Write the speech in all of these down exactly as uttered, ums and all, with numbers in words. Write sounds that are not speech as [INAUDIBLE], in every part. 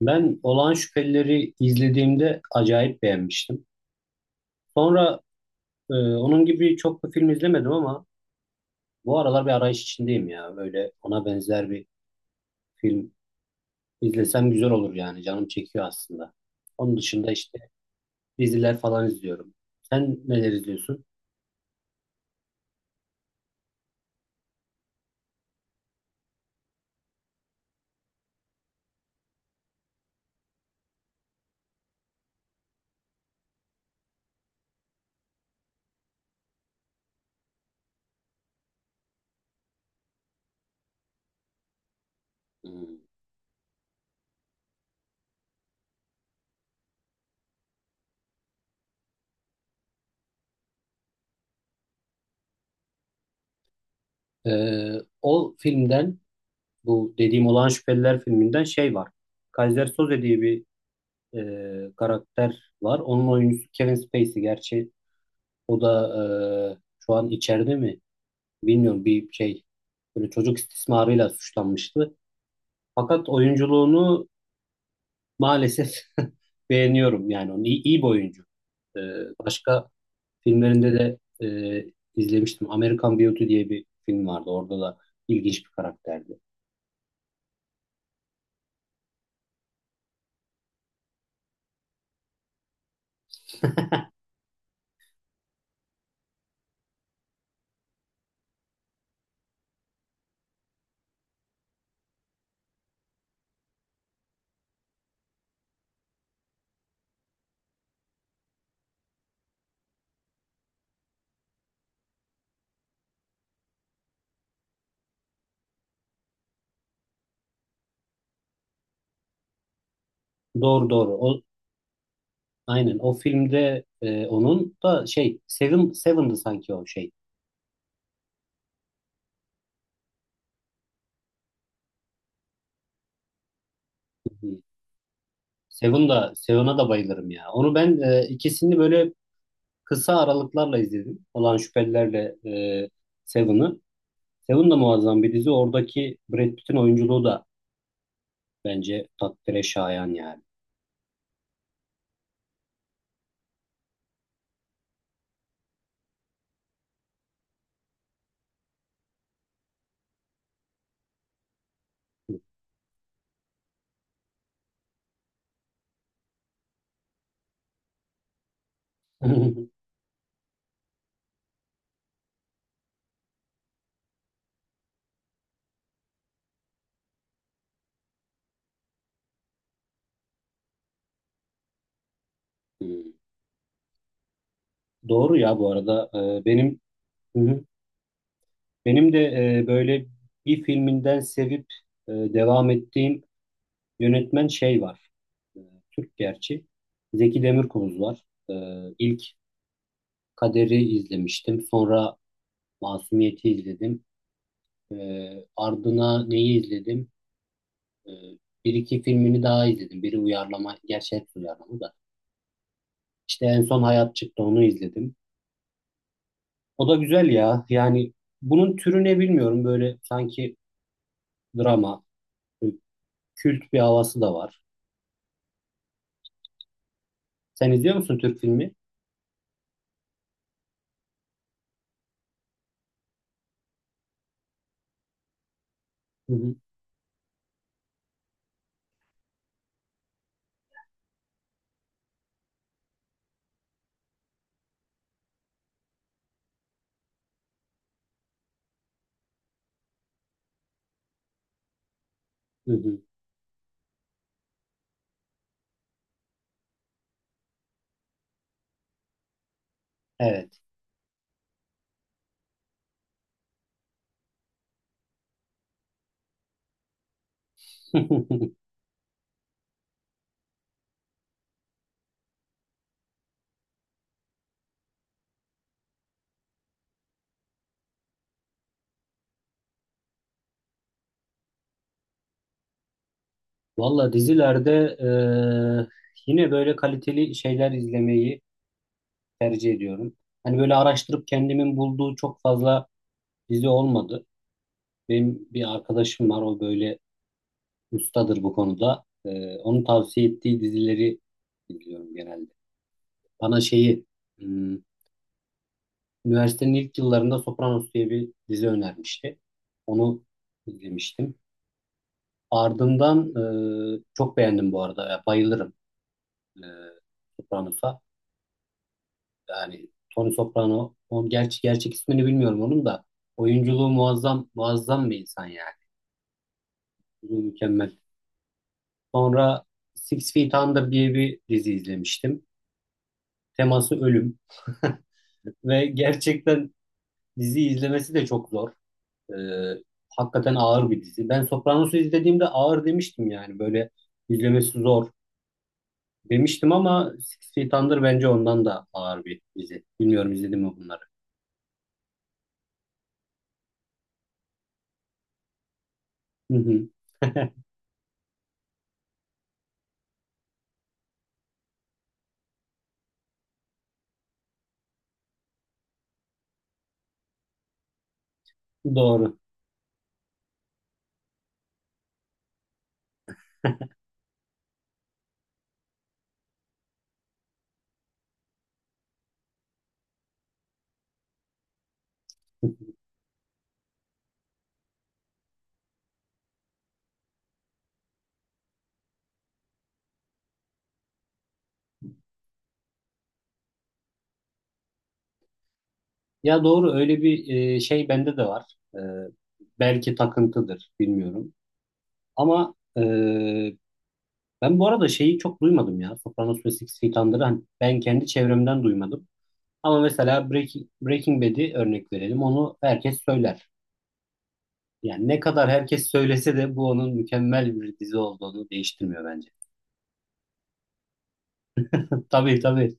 Ben Olağan Şüphelileri izlediğimde acayip beğenmiştim. Sonra e, onun gibi çok da film izlemedim ama bu aralar bir arayış içindeyim ya. Böyle ona benzer bir film izlesem güzel olur yani. Canım çekiyor aslında. Onun dışında işte diziler falan izliyorum. Sen neler izliyorsun? Hmm. E, O filmden bu dediğim Olağan Şüpheliler filminden şey var. Kaiser Soze diye bir e, karakter var. Onun oyuncusu Kevin Spacey. Gerçi O da e, şu an içeride mi? Bilmiyorum bir şey, böyle çocuk istismarıyla suçlanmıştı. Fakat oyunculuğunu maalesef [LAUGHS] beğeniyorum yani, onu iyi, iyi bir oyuncu. E, Başka filmlerinde de e, izlemiştim. American Beauty diye bir film vardı. Orada da ilginç bir karakterdi. Doğru doğru. O, aynen o filmde e, onun da şey Seven Seven'dı sanki o şey. Seven da, Seven'a da bayılırım ya. Onu ben, e, ikisini böyle kısa aralıklarla izledim. Olan Şüphelilerle e, Seven'ı. Seven da muazzam bir dizi. Oradaki Brad Pitt'in oyunculuğu da bence takdire şayan yani. [LAUGHS] Doğru ya bu arada. E, benim Hı hı. Benim de e, böyle bir filminden sevip e, devam ettiğim yönetmen şey var. E, Türk gerçi. Zeki Demirkubuz var. E, ilk Kader'i izlemiştim. Sonra Masumiyet'i izledim. Ee, ardına neyi izledim? Ee, Bir iki filmini daha izledim. Biri uyarlama, gerçi hepsi uyarlama da. İşte en son Hayat çıktı, onu izledim. O da güzel ya. Yani bunun türü ne bilmiyorum. Böyle sanki drama, kült bir havası da var. Sen izliyor musun Türk filmi? Hı hı. Hı hı. Evet. [LAUGHS] Valla dizilerde eee, yine böyle kaliteli şeyler izlemeyi tercih ediyorum. Hani böyle araştırıp kendimin bulduğu çok fazla dizi olmadı. Benim bir arkadaşım var, o böyle ustadır bu konuda. Ee, onun tavsiye ettiği dizileri izliyorum genelde. Bana şeyi, hmm, üniversitenin ilk yıllarında Sopranos diye bir dizi önermişti. Onu izlemiştim. Ardından, e, çok beğendim bu arada. Ya, bayılırım e, Sopranos'a. Yani Tony Soprano, onun gerçi gerçek ismini bilmiyorum onun da. Oyunculuğu muazzam, muazzam bir insan yani. Oyunculuğu Mükemmel. Sonra Six Feet Under diye bir dizi izlemiştim. Teması ölüm. [LAUGHS] Ve gerçekten dizi izlemesi de çok zor. Ee, Hakikaten ağır bir dizi. Ben Sopranos'u izlediğimde ağır demiştim, yani böyle izlemesi zor demiştim, ama Six Feet Under bence ondan da ağır bir dizi. Bilmiyorum izledim mi bunları. Hı hı. [LAUGHS] Doğru. Ya doğru, öyle bir e, şey bende de var. E, belki takıntıdır bilmiyorum. Ama e, ben bu arada şeyi çok duymadım ya. Sopranos ve Six Feet Under'ı hani ben kendi çevremden duymadım. Ama mesela Breaking, Breaking Bad'i örnek verelim. Onu herkes söyler. Yani ne kadar herkes söylese de bu onun mükemmel bir dizi olduğunu değiştirmiyor bence. [LAUGHS] Tabii tabii.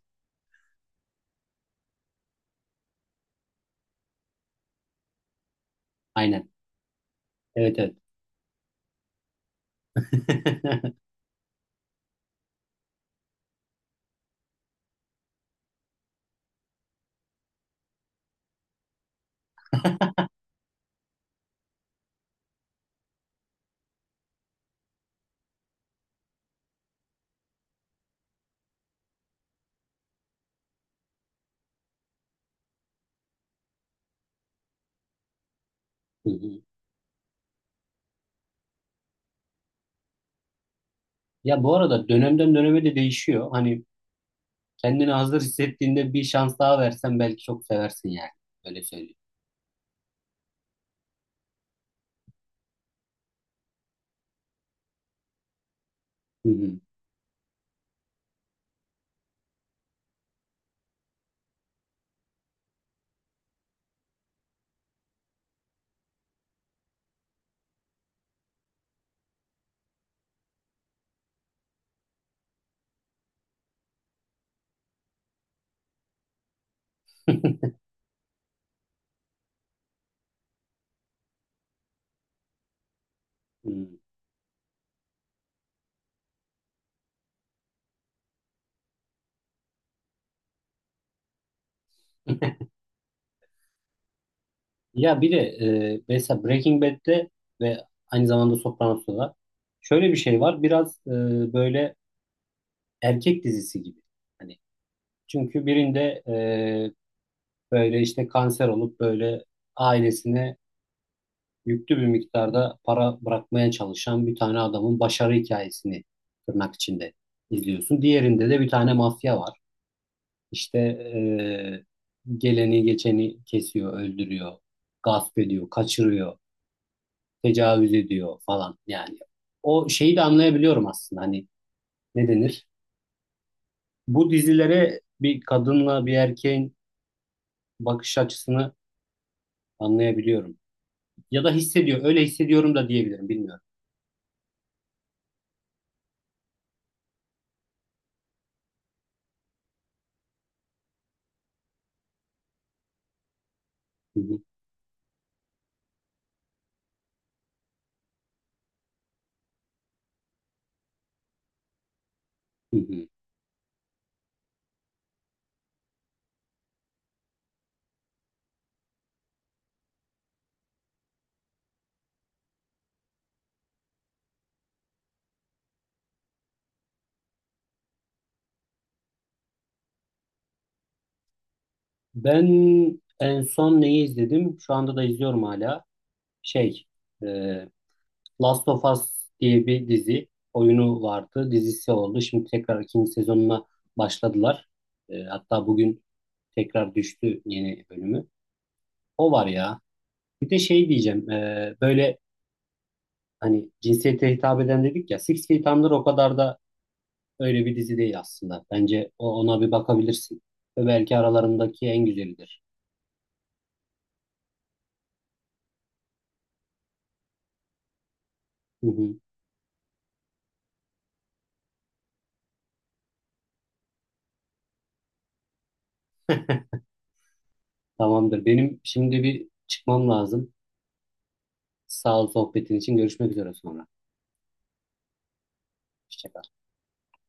Aynen. Evet evet. [LAUGHS] Hı hı. Ya bu arada dönemden döneme de değişiyor. Hani kendini hazır hissettiğinde bir şans daha versen belki çok seversin yani. Öyle söyleyeyim. Hı hı. Hı. Ya bir de e, mesela Breaking Bad'de ve aynı zamanda Sopranos'ta da şöyle bir şey var. Biraz e, böyle erkek dizisi gibi. Hani Çünkü birinde e, böyle işte kanser olup böyle ailesine yüklü bir miktarda para bırakmaya çalışan bir tane adamın başarı hikayesini, tırnak içinde, izliyorsun. Diğerinde de bir tane mafya var. İşte e, geleni geçeni kesiyor, öldürüyor, gasp ediyor, kaçırıyor, tecavüz ediyor falan yani. O şeyi de anlayabiliyorum aslında. Hani ne denir? Bu dizilere bir kadınla bir erkeğin bakış açısını anlayabiliyorum. Ya da hissediyor. Öyle hissediyorum da diyebilirim. Bilmiyorum. Hı hı, hı hı. Ben en son neyi izledim? Şu anda da izliyorum hala. Şey, e, Last of Us diye bir dizi, oyunu vardı. Dizisi oldu. Şimdi tekrar ikinci sezonuna başladılar. E, hatta bugün tekrar düştü yeni bölümü. O var ya. Bir de şey diyeceğim, e, böyle hani cinsiyete hitap eden dedik ya. Six Feet Under o kadar da Öyle bir dizi değil aslında. Bence o, ona bir bakabilirsin. Ve belki aralarındaki en güzelidir. Hı hı. Tamamdır. Benim şimdi bir çıkmam lazım. Sağ ol sohbetin için. Görüşmek üzere sonra. Hoşça kal.